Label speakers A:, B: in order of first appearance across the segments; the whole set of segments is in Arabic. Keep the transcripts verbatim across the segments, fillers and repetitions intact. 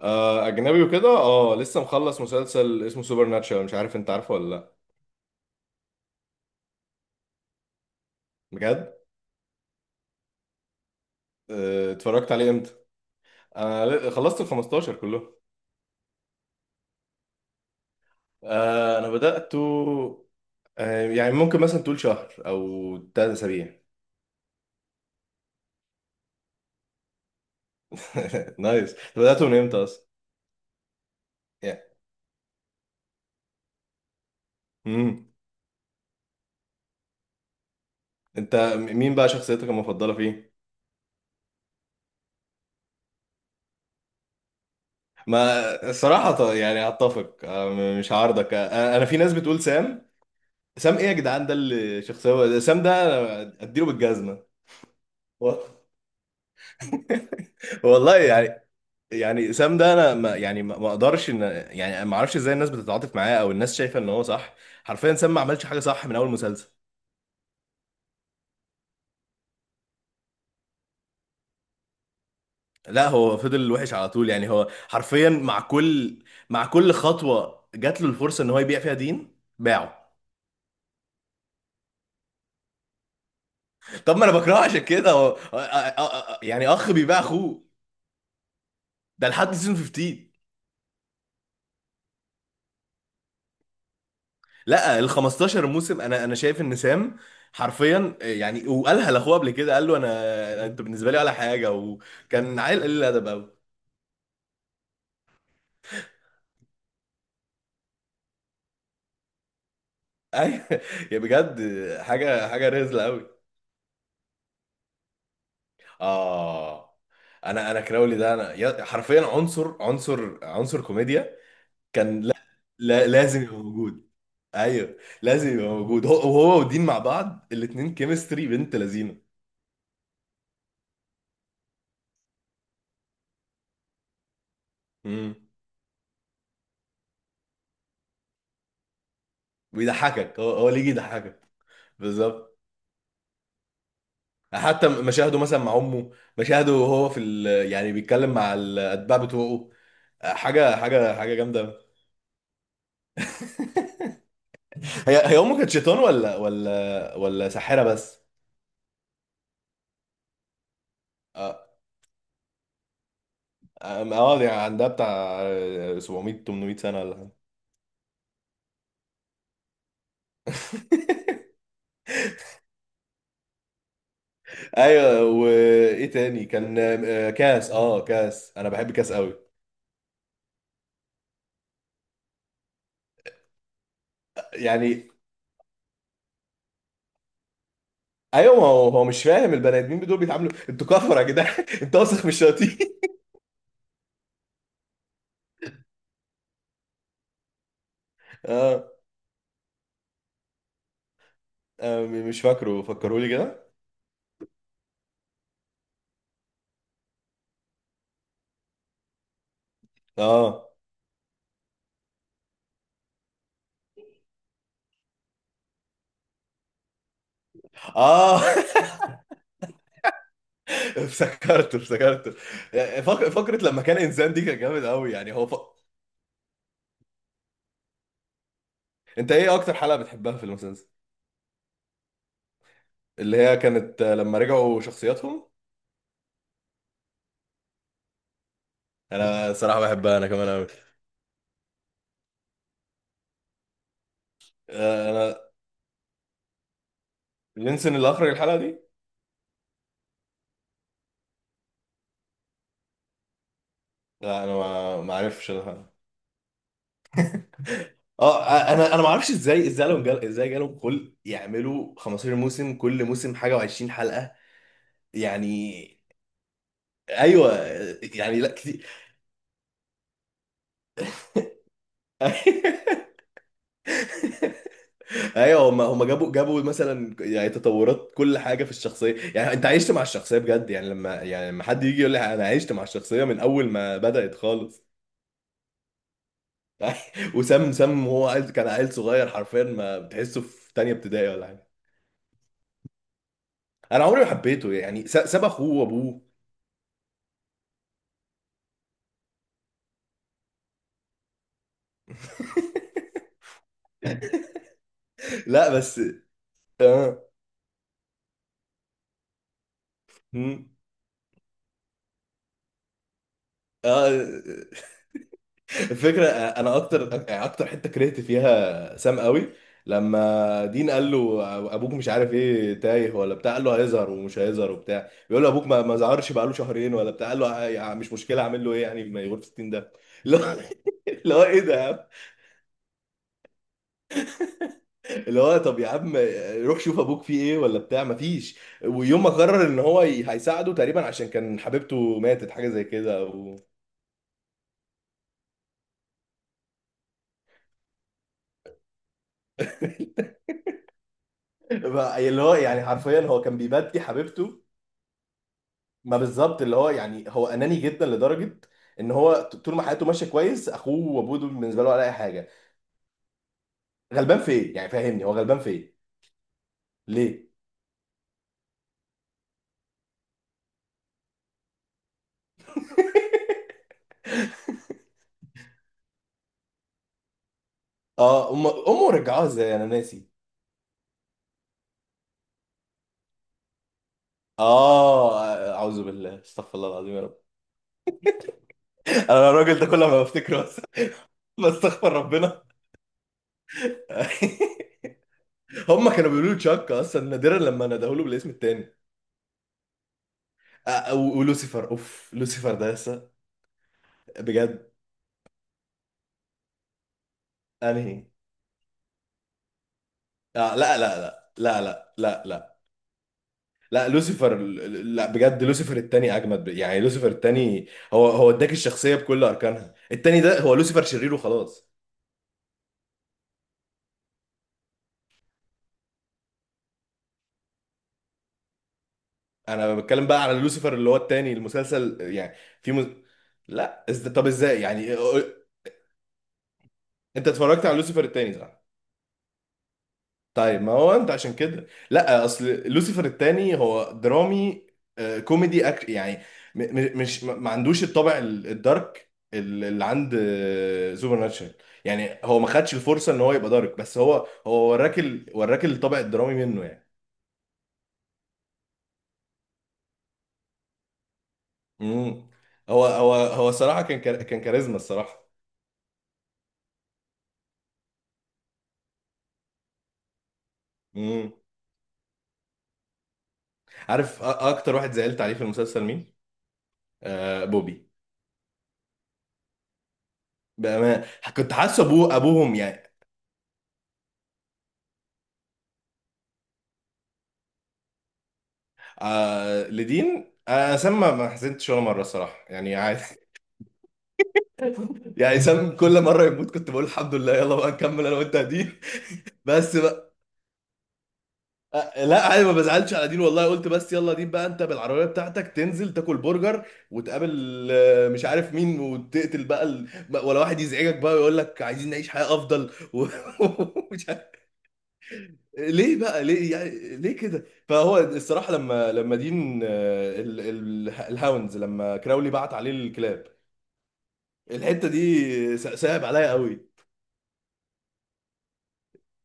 A: آه، اجنبي وكده، اه لسه مخلص مسلسل اسمه سوبر ناتشورال. مش عارف انت عارفه ولا لا؟ بجد؟ آه، اتفرجت عليه امتى؟ انا ل- خلصت ال خمسة عشر كله. آه، انا بدأته. آه، يعني ممكن مثلا تقول شهر او تلات اسابيع. نايس. انت بدأته من امتى اصلا؟ يعني امم انت م- مين بقى شخصيتك المفضلة فيه؟ ما الصراحة ط- يعني هتفق، آه، م- مش هعارضك. آه، انا في ناس بتقول سام. سام ايه يا جدعان؟ ده اللي شخصية؟ سام ده انا اديله بالجزمة. والله يعني. يعني سام ده انا ما يعني ما ما اقدرش ان... يعني ما اعرفش ازاي الناس بتتعاطف معاه او الناس شايفه ان هو صح. حرفيا سام ما عملش حاجه صح من اول مسلسل. لا هو فضل وحش على طول، يعني هو حرفيا مع كل... مع كل خطوه جات له الفرصه ان هو يبيع فيها دين، باعه. طب ما انا بكرهه عشان كده. هو أ- أ- أ- يعني اخ بيباع اخوه. ده لحد سيزون خمستاشر. لا، ال خمستاشر موسم، انا انا شايف ان سام حرفيا يعني، وقالها لاخوه قبل كده، قال له انا انت بالنسبه لي ولا حاجه، وكان عيل قليل الادب قوي. ايوه يا بجد. حاجه حاجه رزله قوي. اه. انا انا كراولي ده انا يا- حرفيا عنصر عنصر عنصر كوميديا. كان، لا. لا، لازم يبقى موجود. ايوه. لازم يبقى موجود. هو هو ودين مع بعض، الاتنين كيمستري بنت لذينه. امم بيضحكك، هو هو اللي يجي يضحكك. بالظبط. حتى مشاهده مثلا مع امه، مشاهده وهو في ال... يعني بيتكلم مع الاتباع بتوعه. حاجه حاجه حاجه جامده. هي هي امه كانت شيطان ولا ولا ولا ساحره بس؟ اه. اه، يعني عندها بتاع سبعمية تمنمية سنه ولا حاجه. ايوه، وايه تاني كان؟ آه، كاس اه كاس، انا بحب كاس قوي. يعني. ايوه، ما هو هو مش فاهم. البني ادمين دول بيتعاملوا انتوا كفره يا جدعان؟ انت واثق من الشياطين؟ اه. آه، مش فاكره، فكروا لي كده. اه. اه افتكرته افتكرته. فق- فقرة لما كان انسان دي كان جامد قوي، يعني هو ف... انت ايه اكتر حلقة بتحبها في المسلسل؟ اللي هي كانت، آه، لما رجعوا شخصياتهم. انا صراحة بحبها انا كمان قوي. آه، انا لينسون اللي اخرج الحلقة دي؟ لا انا ما ما اعرفش الحلقة. اه. انا انا ما اعرفش ازاي ازاي لهم جال... ازاي جالهم خلق يعملوا خمسة عشر موسم، كل موسم حاجة و20 حلقة. يعني. ايوه. يعني لا كتير. ايوه، هم هم جابوا جابوا مثلا يعني تطورات كل حاجه في الشخصيه. يعني انت عشت مع الشخصيه بجد، يعني لما يعني لما حد يجي يقول لي انا عشت مع الشخصيه من اول ما بدات خالص. وسام سام هو عيل- كان عيل صغير، حرفيا ما بتحسه في تانية ابتدائي ولا حاجه. انا عمري ما حبيته. يعني س- ساب اخوه وابوه. لا بس. اه. مم. اه. الفكره، انا اكتر يعني اكتر حته كرهت فيها سام قوي لما دين قال له ابوك مش عارف ايه، تايه ولا بتاع. قال له: هيظهر ومش هيظهر وبتاع. بيقول له ابوك ما ما ظهرش بقاله شهرين ولا بتاع. قال له: "يا عم مش مشكله، اعمل له ايه يعني، ما يغور في ستين ده". اللي هو اللي هو ايه ده يا عم؟ اللي هو طب يا عم، روح شوف ابوك فيه ايه ولا بتاع ما فيش. ويوم ما قرر ان هو ي- هيساعده تقريبا، عشان كان حبيبته ماتت حاجه زي كده و... بقى اللي هو يعني حرفيا هو كان بيبكي حبيبته. ما بالظبط، اللي هو يعني هو اناني جدا لدرجه ان هو ط- طول ما حياته ماشيه كويس، اخوه وابوه دول بالنسبه له ولا اي حاجه. غلبان في ايه يعني؟ فاهمني، هو غلبان في ايه؟ ليه؟ اه، أم... امه رجعوها ازاي، انا ناسي. اه. اعوذ بالله، استغفر الله العظيم، يا رب. انا الراجل ده كل ما بفتكره بس بستغفر ربنا. هم كانوا بيقولوا له تشاك اصلا، نادرا لما ندهوا له بالاسم التاني. آه، و- ولوسيفر اوف لوسيفر ده لسه؟ بجد؟ انهي؟ آه، لا لا لا لا لا لا لا لا. لوسيفر، لا بجد لوسيفر التاني اجمد، يعني لوسيفر التاني هو هو اداك الشخصيه بكل اركانها. التاني ده هو لوسيفر شرير وخلاص. انا بتكلم بقى على لوسيفر اللي هو التاني المسلسل يعني. في مز... لا، إز... طب ازاي يعني؟ انت اتفرجت على لوسيفر التاني، صح؟ طيب ما هو انت عشان كده، لا، اصل لوسيفر الثاني هو درامي. آه، كوميدي أك... يعني م... م- مش ما ما عندوش الطابع ال- الدارك ال- اللي عند سوبر ناتشرال. يعني هو ما خدش الفرصه ان هو يبقى دارك، بس هو هو وراك ال... وراك الطابع الدرامي منه يعني. امم هو هو هو صراحه كان كار... كان كاريزما الصراحه. امم عارف أ- اكتر واحد زعلت عليه في المسلسل مين؟ آه، بوبي. بأمان. كنت حاسه ابوه ابوهم يعني. آه لدين. آه سام ما ما حزنتش ولا مره الصراحه، يعني عادي. يعني سام كل مره يموت كنت بقول الحمد لله، يلا بقى نكمل انا وانت يا دين. بس بقى. آه لا عادي، ما بزعلش على دين والله. قلت بس يلا دين بقى، انت بالعربيه بتاعتك تنزل تاكل برجر وتقابل آه، مش عارف مين، وتقتل بقى ال... بقى- ولا واحد يزعجك بقى ويقول لك عايزين نعيش حياه افضل و- ومش عارف. ليه بقى؟ ليه يعني؟ ليه كده؟ فهو الصراحه لما لما دين، آه، ال... ال... الهاونز لما كراولي بعت عليه الكلاب. الحته دي س- صعب عليا قوي.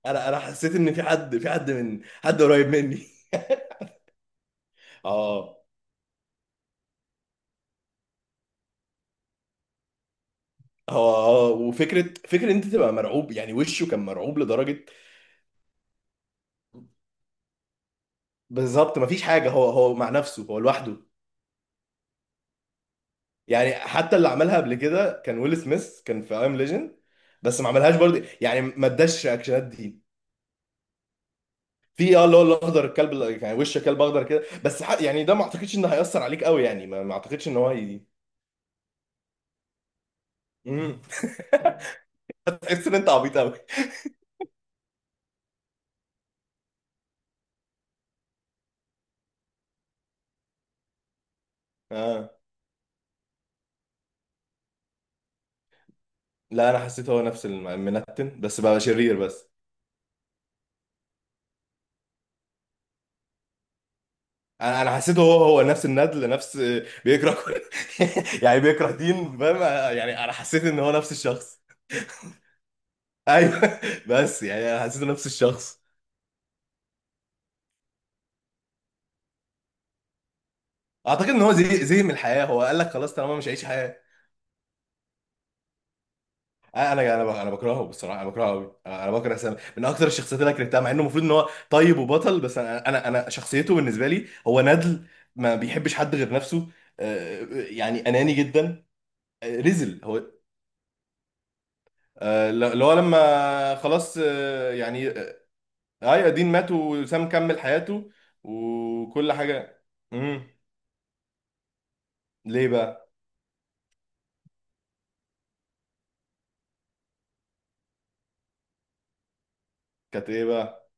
A: انا انا حسيت ان في حد في حد من حد قريب مني. اه. هو، اه وفكره فكره إن انت تبقى مرعوب، يعني وشه كان مرعوب لدرجه. بالظبط، مفيش حاجه. هو هو مع نفسه، هو لوحده. يعني حتى اللي عملها قبل كده كان ويل سميث، كان في ايام ليجند. بس ما عملهاش برضه، يعني ما اداش رياكشنات دي. في اه اللي هو الاخضر، الكلب ال- يعني وش كلب اخضر كده. بس ح- يعني ده ما اعتقدش ان هيأثر عليك قوي، يعني ما ما اعتقدش ان هو هي... مم. هتحس ان انت عبيط قوي. اه لا، انا حسيته هو نفس الم- المنتن بس بقى شرير بس. انا انا حسيته هو هو نفس الندل، نفس بيكره كل يعني بيكره دين، فاهم. يعني انا حسيت ان هو نفس الشخص. ايوه بس يعني انا حسيته نفس الشخص. اعتقد ان هو زي زي من الحياه، هو قال لك خلاص طالما مش هعيش حياه. انا انا ب- انا بكرهه. بصراحه، انا بكرهه قوي. انا بكره سامي من اكتر الشخصيات اللي أنا كرهتها، مع انه المفروض ان هو طيب وبطل، بس انا انا انا شخصيته بالنسبه لي هو ندل. ما بيحبش حد غير نفسه. آه، يعني اناني جدا. رزل هو. آه، اللي هو لما خلاص، آه، يعني اي قديم، مات وسام كمل حياته وكل حاجة. امم ليه بقى؟ كانت ايه بقى؟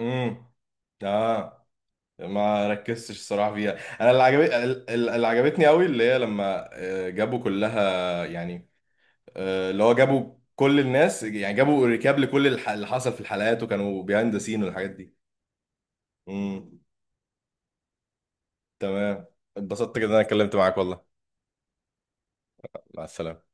A: امم اه، ما ركزتش الصراحة فيها. انا اللي عجب ال- ال- اللي عجبتني قوي، اللي هي لما آه، جابوا كلها يعني، آه، اللي هو جابوا كل الناس يعني، جابوا ريكاب لكل الح- اللي حصل في الحلقات، وكانوا بيهاند سين والحاجات دي. امم تمام. اتبسطت جدا إن انا اتكلمت معاك والله. مع السلامة.